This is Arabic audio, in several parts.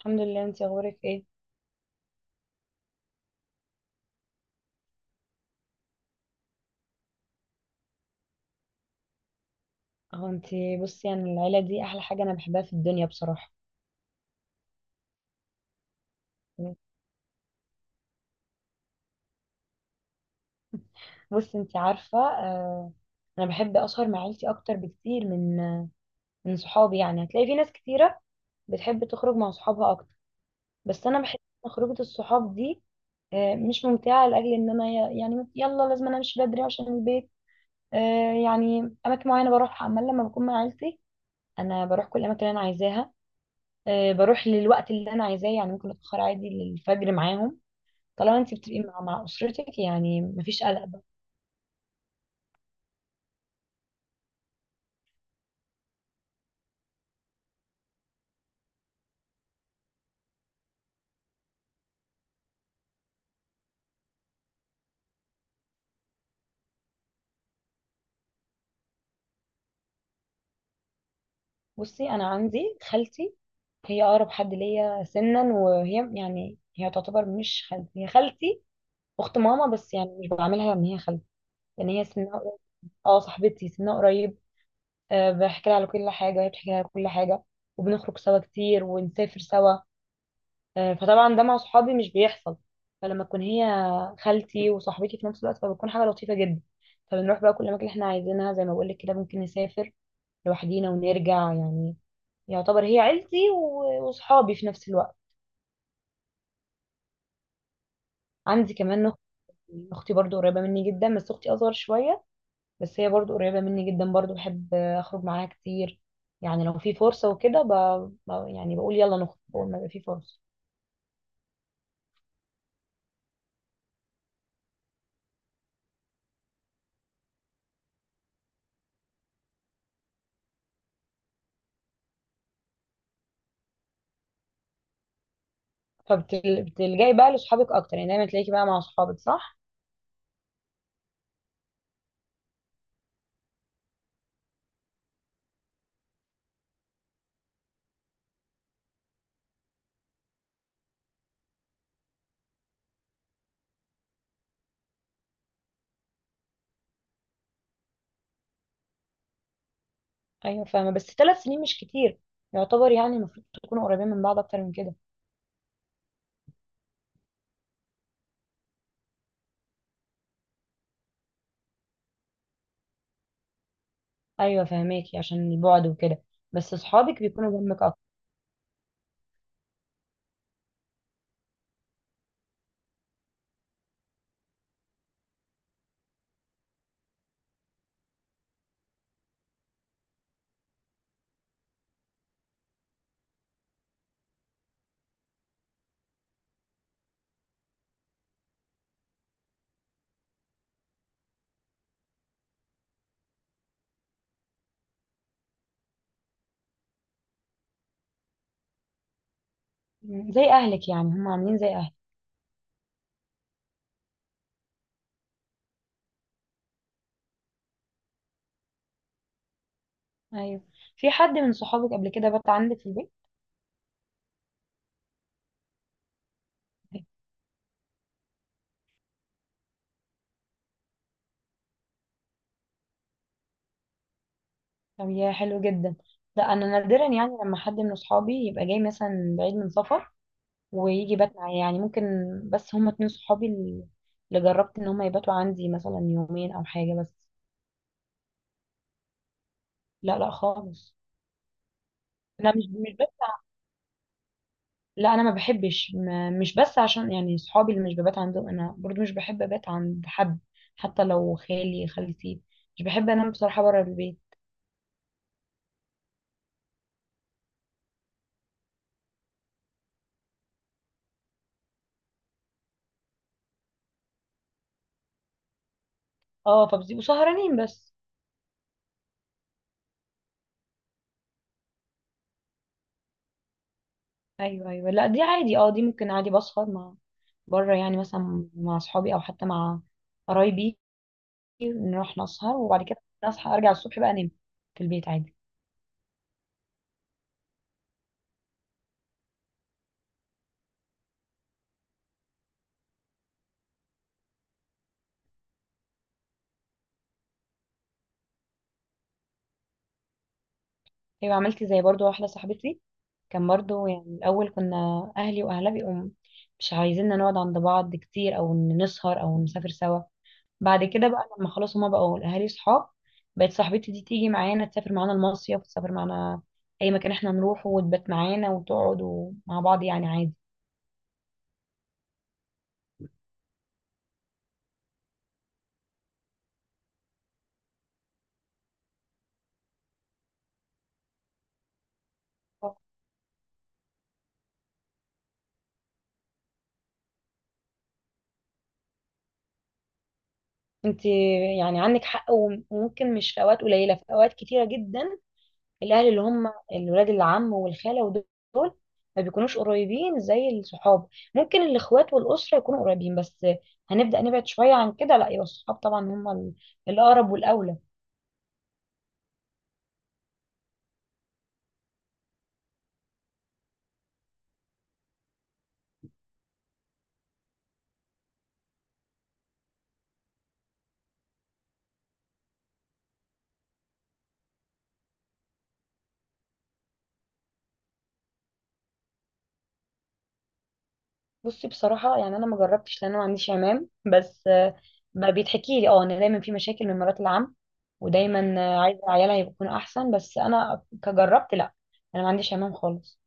الحمد لله، انتي اخبارك ايه؟ اهو انتي بصي، يعني العيله دي احلى حاجه انا بحبها في الدنيا بصراحه. بصي انتي عارفه، آه انا بحب اسهر مع عيلتي اكتر بكتير من من صحابي. يعني هتلاقي في ناس كتيره بتحب تخرج مع صحابها اكتر، بس انا بحس ان خروجه الصحاب دي آه مش ممتعه، لاجل ان انا يعني يلا لازم انا امشي بدري عشان البيت. آه يعني اماكن معينه بروحها، اما لما بكون مع عيلتي انا بروح كل الاماكن اللي انا عايزاها، آه بروح للوقت اللي انا عايزاه. يعني ممكن اتاخر عادي للفجر معاهم، طالما انت بتبقي مع مع اسرتك، يعني مفيش قلق بقى. بصي انا عندي خالتي، هي اقرب حد ليا سنا، وهي يعني هي تعتبر مش خالتي، هي خالتي اخت ماما، بس يعني مش بعاملها ان هي خالتي، لان هي سنها قريب. اه صاحبتي سنها قريب، أه بحكي لها على كل حاجه وهي بتحكي لها على كل حاجه، وبنخرج سوا كتير، ونسافر سوا. أه فطبعا ده مع صحابي مش بيحصل، فلما تكون هي خالتي وصاحبتي في نفس الوقت، فبتكون حاجه لطيفه جدا. فبنروح بقى كل اماكن احنا عايزينها، زي ما بقول لك كده، ممكن نسافر لوحدينا ونرجع. يعني يعتبر هي عيلتي وصحابي في نفس الوقت. عندي كمان اختي، اختي برضو قريبة مني جدا، بس اختي اصغر شوية، بس هي برضو قريبة مني جدا، برضو بحب اخرج معاها كتير. يعني لو في فرصة وكده يعني بقول يلا نخرج، بقول ما يبقى في فرصة. فبتلجأي بقى لصحابك اكتر، يعني دايما تلاقيكي بقى مع صحابك، صح؟ ايوه فاهمة، بس 3 سنين مش كتير، يعتبر يعني المفروض تكونوا قريبين من بعض اكتر من كده. ايوه فاهماكي، عشان البعد وكده، بس صحابك بيكونوا جنبك اكتر. مم. زي اهلك يعني، هم عاملين زي اهلك. ايوه، في حد من صحابك قبل كده بات عندك في البيت؟ طب يا حلو جدا. لا انا نادرا، يعني لما حد من صحابي يبقى جاي مثلا بعيد من سفر ويجي بات معايا، يعني ممكن. بس هم اتنين صحابي اللي جربت ان هم يباتوا عندي مثلا يومين او حاجه بس. لا لا خالص. انا مش بس، لا انا ما بحبش، ما مش بس عشان يعني صحابي اللي مش ببات عندهم، انا برضو مش بحب ابات عند حد، حتى لو خالي خالتي، مش بحب انام بصراحه بره البيت. اه فبتبقوا سهرانين بس. ايوه ايوه، لا دي عادي، اه دي ممكن عادي بسهر مع بره، يعني مثلا مع اصحابي او حتى مع قرايبي، نروح نسهر وبعد كده نصحى ارجع الصبح بقى انام في البيت عادي. ايوه عملت زي برضو واحده صاحبتي، كان برضو يعني الاول كنا اهلي واهلها بيقوم مش عايزيننا نقعد عند بعض كتير، او إن نسهر او نسافر سوا. بعد كده بقى لما خلاص هما بقوا الاهالي صحاب، بقت صاحبتي دي تيجي معانا، تسافر معانا المصيف، تسافر معانا اي مكان احنا نروحه، وتبات معانا وتقعد، ومع بعض يعني عادي. انت يعني عندك حق، وممكن مش في اوقات قليله، في اوقات كتيره جدا الاهل اللي هم الولاد، العم والخاله ودول، ما بيكونوش قريبين زي الصحاب. ممكن الاخوات والاسره يكونوا قريبين، بس هنبدا نبعد شويه عن كده، لا يبقى الصحاب طبعا هم الاقرب والاولى. بصي بصراحة، يعني أنا ما جربتش لأن أنا ما عنديش عمام، بس آه، ما بيتحكي لي أه إن دايما في مشاكل من مرات العم، ودايما آه، عايزة عيالها يكونوا أحسن. بس أنا كجربت لأ، أنا ما عنديش عمام خالص.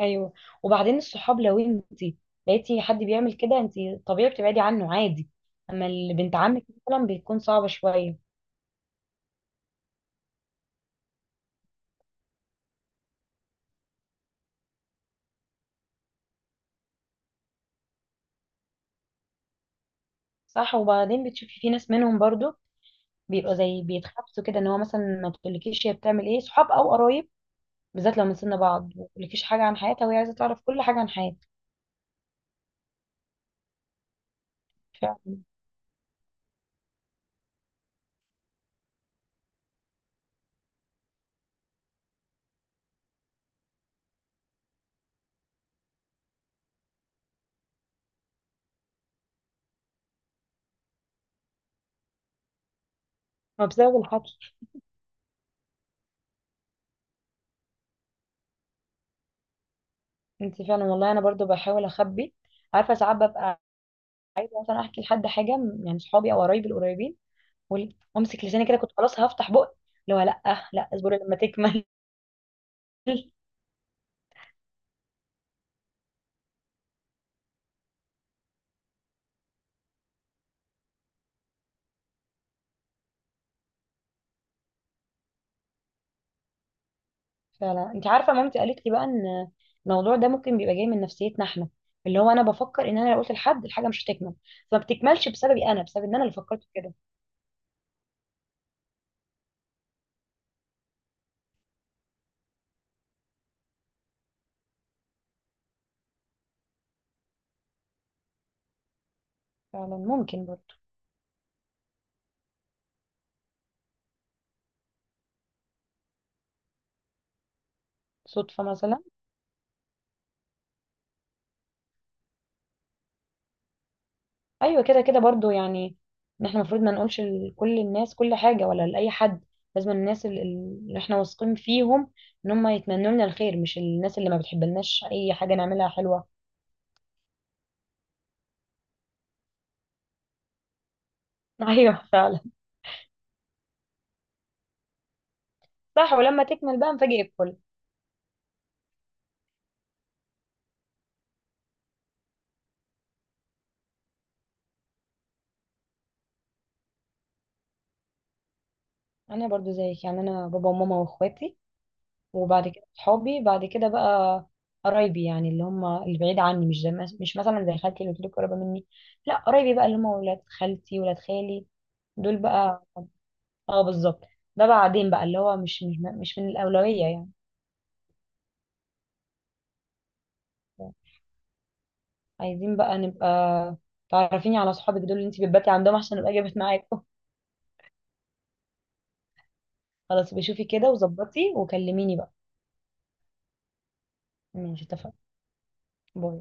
أيوه، وبعدين الصحاب لو أنتي لقيتي حد بيعمل كده، أنتي طبيعي بتبعدي عنه عادي، أما اللي بنت عمك مثلا بتكون صعبة شوية. صح، وبعدين بتشوفي في ناس منهم برضو بيبقوا زي بيتخبطوا كده، إن هو مثلا ما تقولكيش هي بتعمل إيه صحاب أو قرايب، بالذات لو من سن بعض، ملكيش حاجة عن حياتها وهي عايزة تعرف كل حاجة عن حياتك. فعلا، ما بسبب الحكي. انت فعلا والله، انا برضو بحاول اخبي. عارفة ساعات ببقى عايزة مثلا احكي لحد حاجة، يعني صحابي او قرايبي القريبين، وامسك لساني كده، كنت خلاص هفتح بقي. اللي هو لا، لا اصبري لما تكمل. فعلا، انت عارفة مامتي قالت لي بقى ان الموضوع ده ممكن بيبقى جاي من نفسيتنا احنا، اللي هو انا بفكر ان انا لو قلت لحد الحاجة مش هتكمل، فما بتكملش بسببي، انا بسبب ان انا اللي فكرت كده. فعلا ممكن برضو، صدفة مثلا. ايوه كده كده برضو، يعني ان احنا المفروض ما نقولش لكل الناس كل حاجه، ولا لاي حد، لازم الناس اللي احنا واثقين فيهم ان هم يتمنوا لنا الخير، مش الناس اللي ما بتحبلناش اي حاجه نعملها حلوه. ايوه فعلا. صح، ولما تكمل بقى نفاجئ الكل. انا برضو زيك، يعني انا بابا وماما واخواتي، وبعد كده صحابي، بعد كده بقى قرايبي، يعني اللي هم اللي بعيد عني، مش زي، مش مثلا زي خالتي اللي قلت لك قريبه مني، لا قرايبي بقى اللي هم ولاد خالتي ولاد خالي، دول بقى. اه بالظبط، ده بعدين بقى، اللي هو مش من الأولوية يعني. عايزين بقى نبقى، تعرفيني على صحابك دول اللي انت بتباتي عندهم، عشان ابقى جابت معاكم. خلاص بشوفي كده وظبطي وكلميني بقى. ماشي اتفقنا. باي.